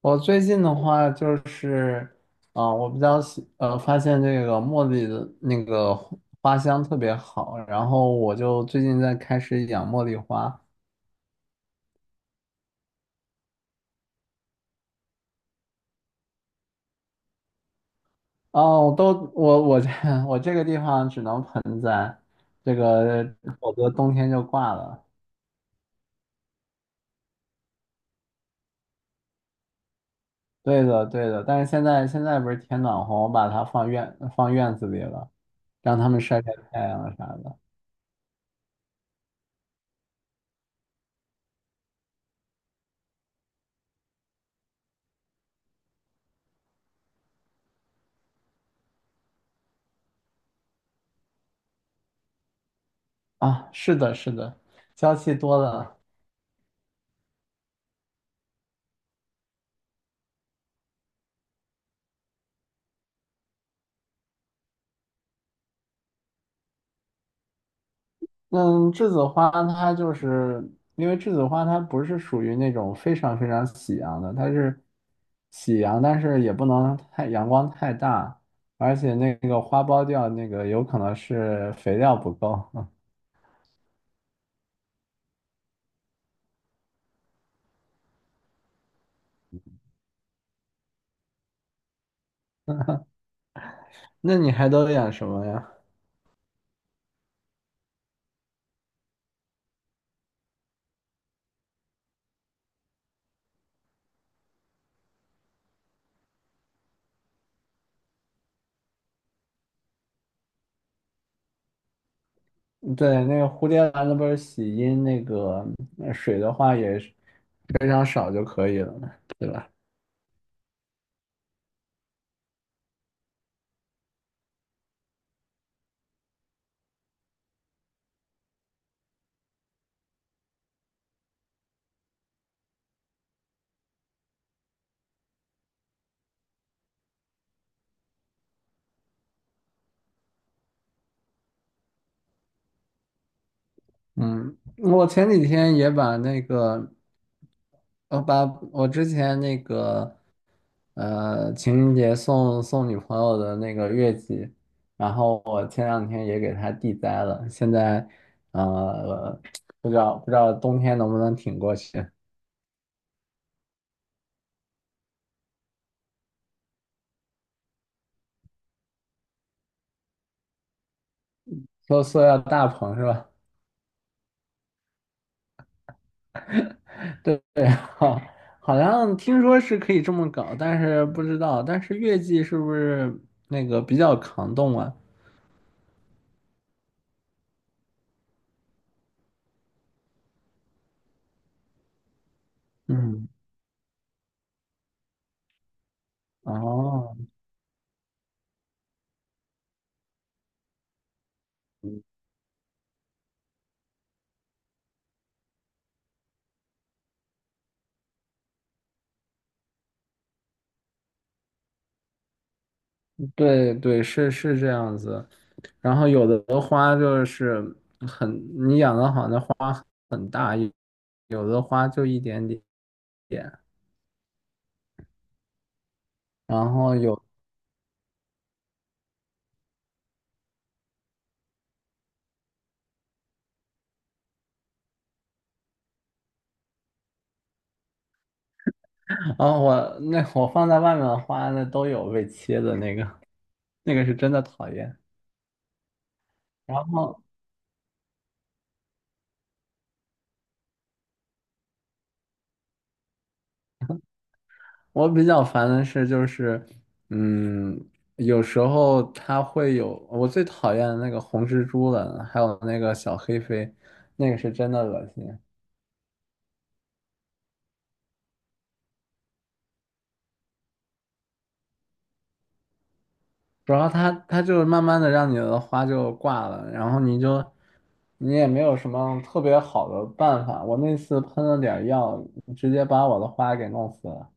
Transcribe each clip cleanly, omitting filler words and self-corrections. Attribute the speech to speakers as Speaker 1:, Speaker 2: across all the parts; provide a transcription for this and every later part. Speaker 1: 我最近的话就是，啊、我比较喜呃，发现这个茉莉的那个花香特别好，然后我就最近在开始养茉莉花。哦，我这 我这个地方只能盆栽，这个否则冬天就挂了。对的，对的，但是现在不是天暖和，我把它放院子里了，让它们晒晒太阳啥的。啊，是的，是的，娇气多了。嗯，栀子花它就是因为栀子花它不是属于那种非常非常喜阳的，它是喜阳，但是也不能太阳光太大，而且那个花苞掉那个有可能是肥料不够。那你还都养什么呀？对，那个蝴蝶兰那不是喜阴那个水的话也是非常少就可以了，对吧？嗯，我前几天也把那个，我把我之前那个呃，情人节送女朋友的那个月季，然后我前两天也给她地栽了，现在呃不知道冬天能不能挺过去，说塑料大棚是吧？对对，好，好像听说是可以这么搞，但是不知道，但是月季是不是那个比较抗冻啊？嗯，哦。对对，是是这样子。然后有的花就是很，你养的好，那花很大；有的花就一点点。然后有，啊，我那我放在外面的花，那都有被切的那个，那个是真的讨厌。然后我比较烦的是，就是，嗯，有时候它会有，我最讨厌的那个红蜘蛛了，还有那个小黑飞，那个是真的恶心。主要它就是慢慢的让你的花就挂了，然后你也没有什么特别好的办法。我那次喷了点儿药，直接把我的花给弄死了。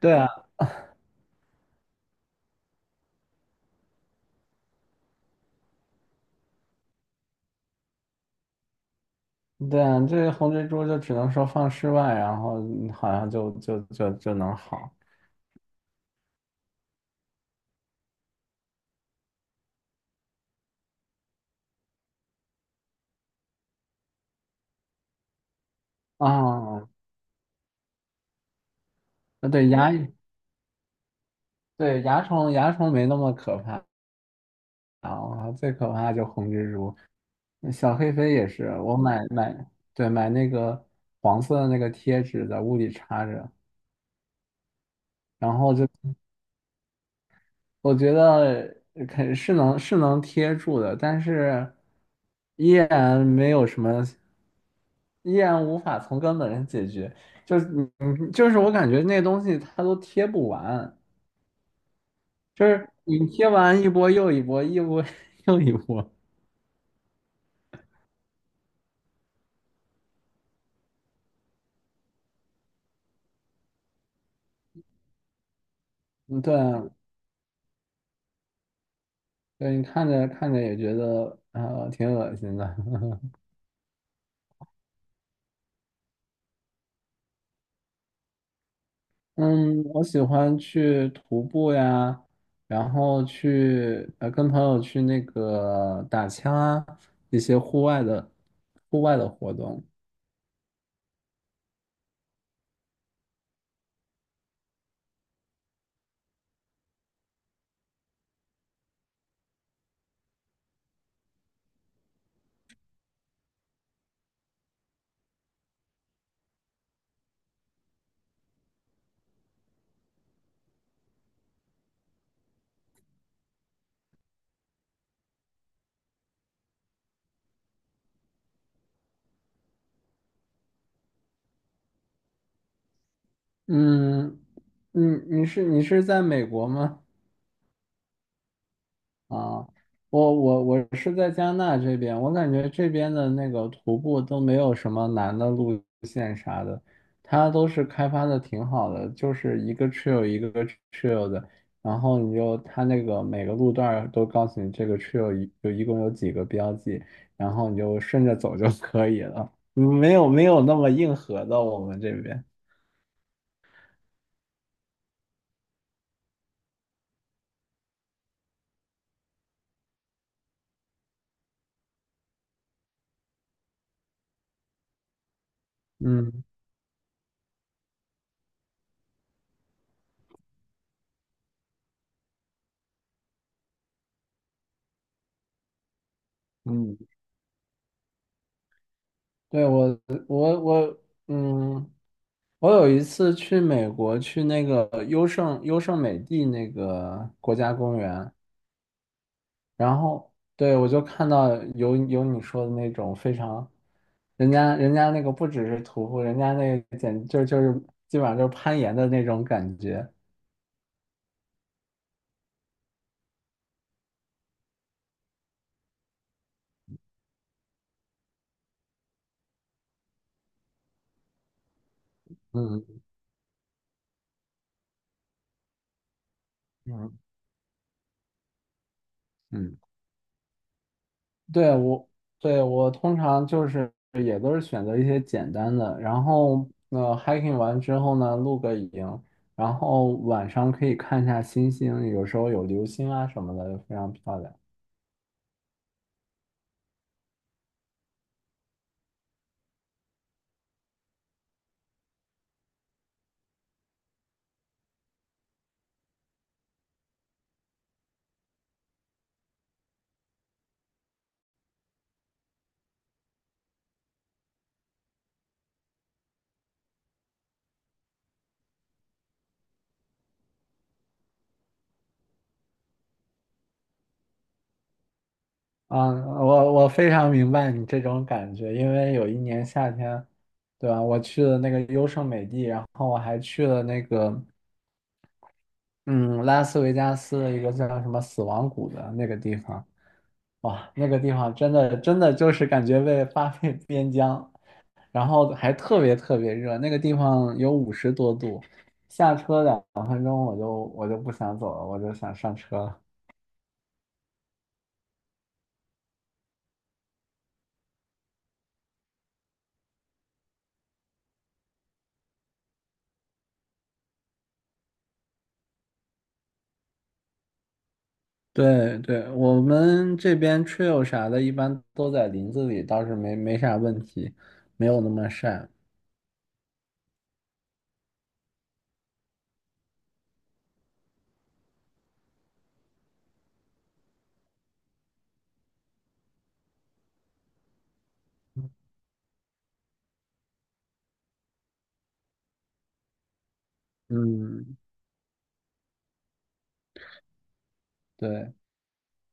Speaker 1: 对啊，对啊，这个红蜘蛛就只能说放室外，然后嗯好像就能好啊。呃对蚜对蚜虫没那么可怕啊，我靠最可怕就红蜘蛛。呃小黑飞也是，我买那个黄色的那个贴纸在屋里插着。然后就我觉得肯是能是能贴住的，但是依然没有什么，依然无法从根本上解决。就是你，你就是我感觉那东西它都贴不完，就是你贴完一波又一波，一波 又一波。嗯，对啊，对，你看着看着也觉得挺恶心的。嗯，我喜欢去徒步呀，然后去跟朋友去那个打枪啊，一些户外的活动。嗯，你你是在美国吗？啊，我是在加纳这边，我感觉这边的那个徒步都没有什么难的路线啥的，它都是开发的挺好的，就是一个 trail 一个 trail 的，然后你就它那个每个路段儿都告诉你这个 trail 一有一共有几个标记，然后你就顺着走就可以了，嗯没有那么硬核的我们这边。嗯嗯，对，我，嗯，我有一次去美国，去那个优胜美地那个国家公园，然后对我就看到有你说的那种非常，人家那个不只是徒步，人家那个就是基本上就是攀岩的那种感觉。嗯嗯。嗯。对我，对我通常就是也都是选择一些简单的，然后呃 hiking 完之后呢，露个营，然后晚上可以看一下星星，有时候有流星啊什么的，非常漂亮。啊，我非常明白你这种感觉，因为有一年夏天，对吧？我去了那个优胜美地，然后我还去了那个嗯拉斯维加斯的一个叫什么死亡谷的那个地方。哇，那个地方真的真的就是感觉被发 配边疆，然后还特别特别热，那个地方有50多度，下车两分钟我就不想走了，我就想上车了。对对，我们这边 trail 啥的，一般都在林子里，倒是没啥问题，没有那么晒。嗯，对，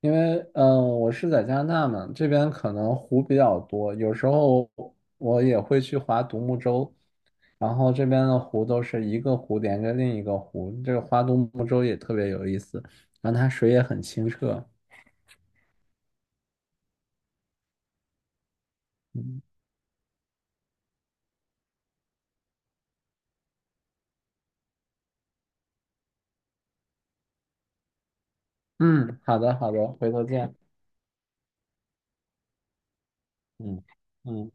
Speaker 1: 因为我是在加拿大嘛，这边可能湖比较多，有时候我也会去划独木舟，然后这边的湖都是一个湖连着另一个湖，这个花都木洲也特别有意思，然后它水也很清澈。嗯嗯，好的好的，回头见。嗯嗯。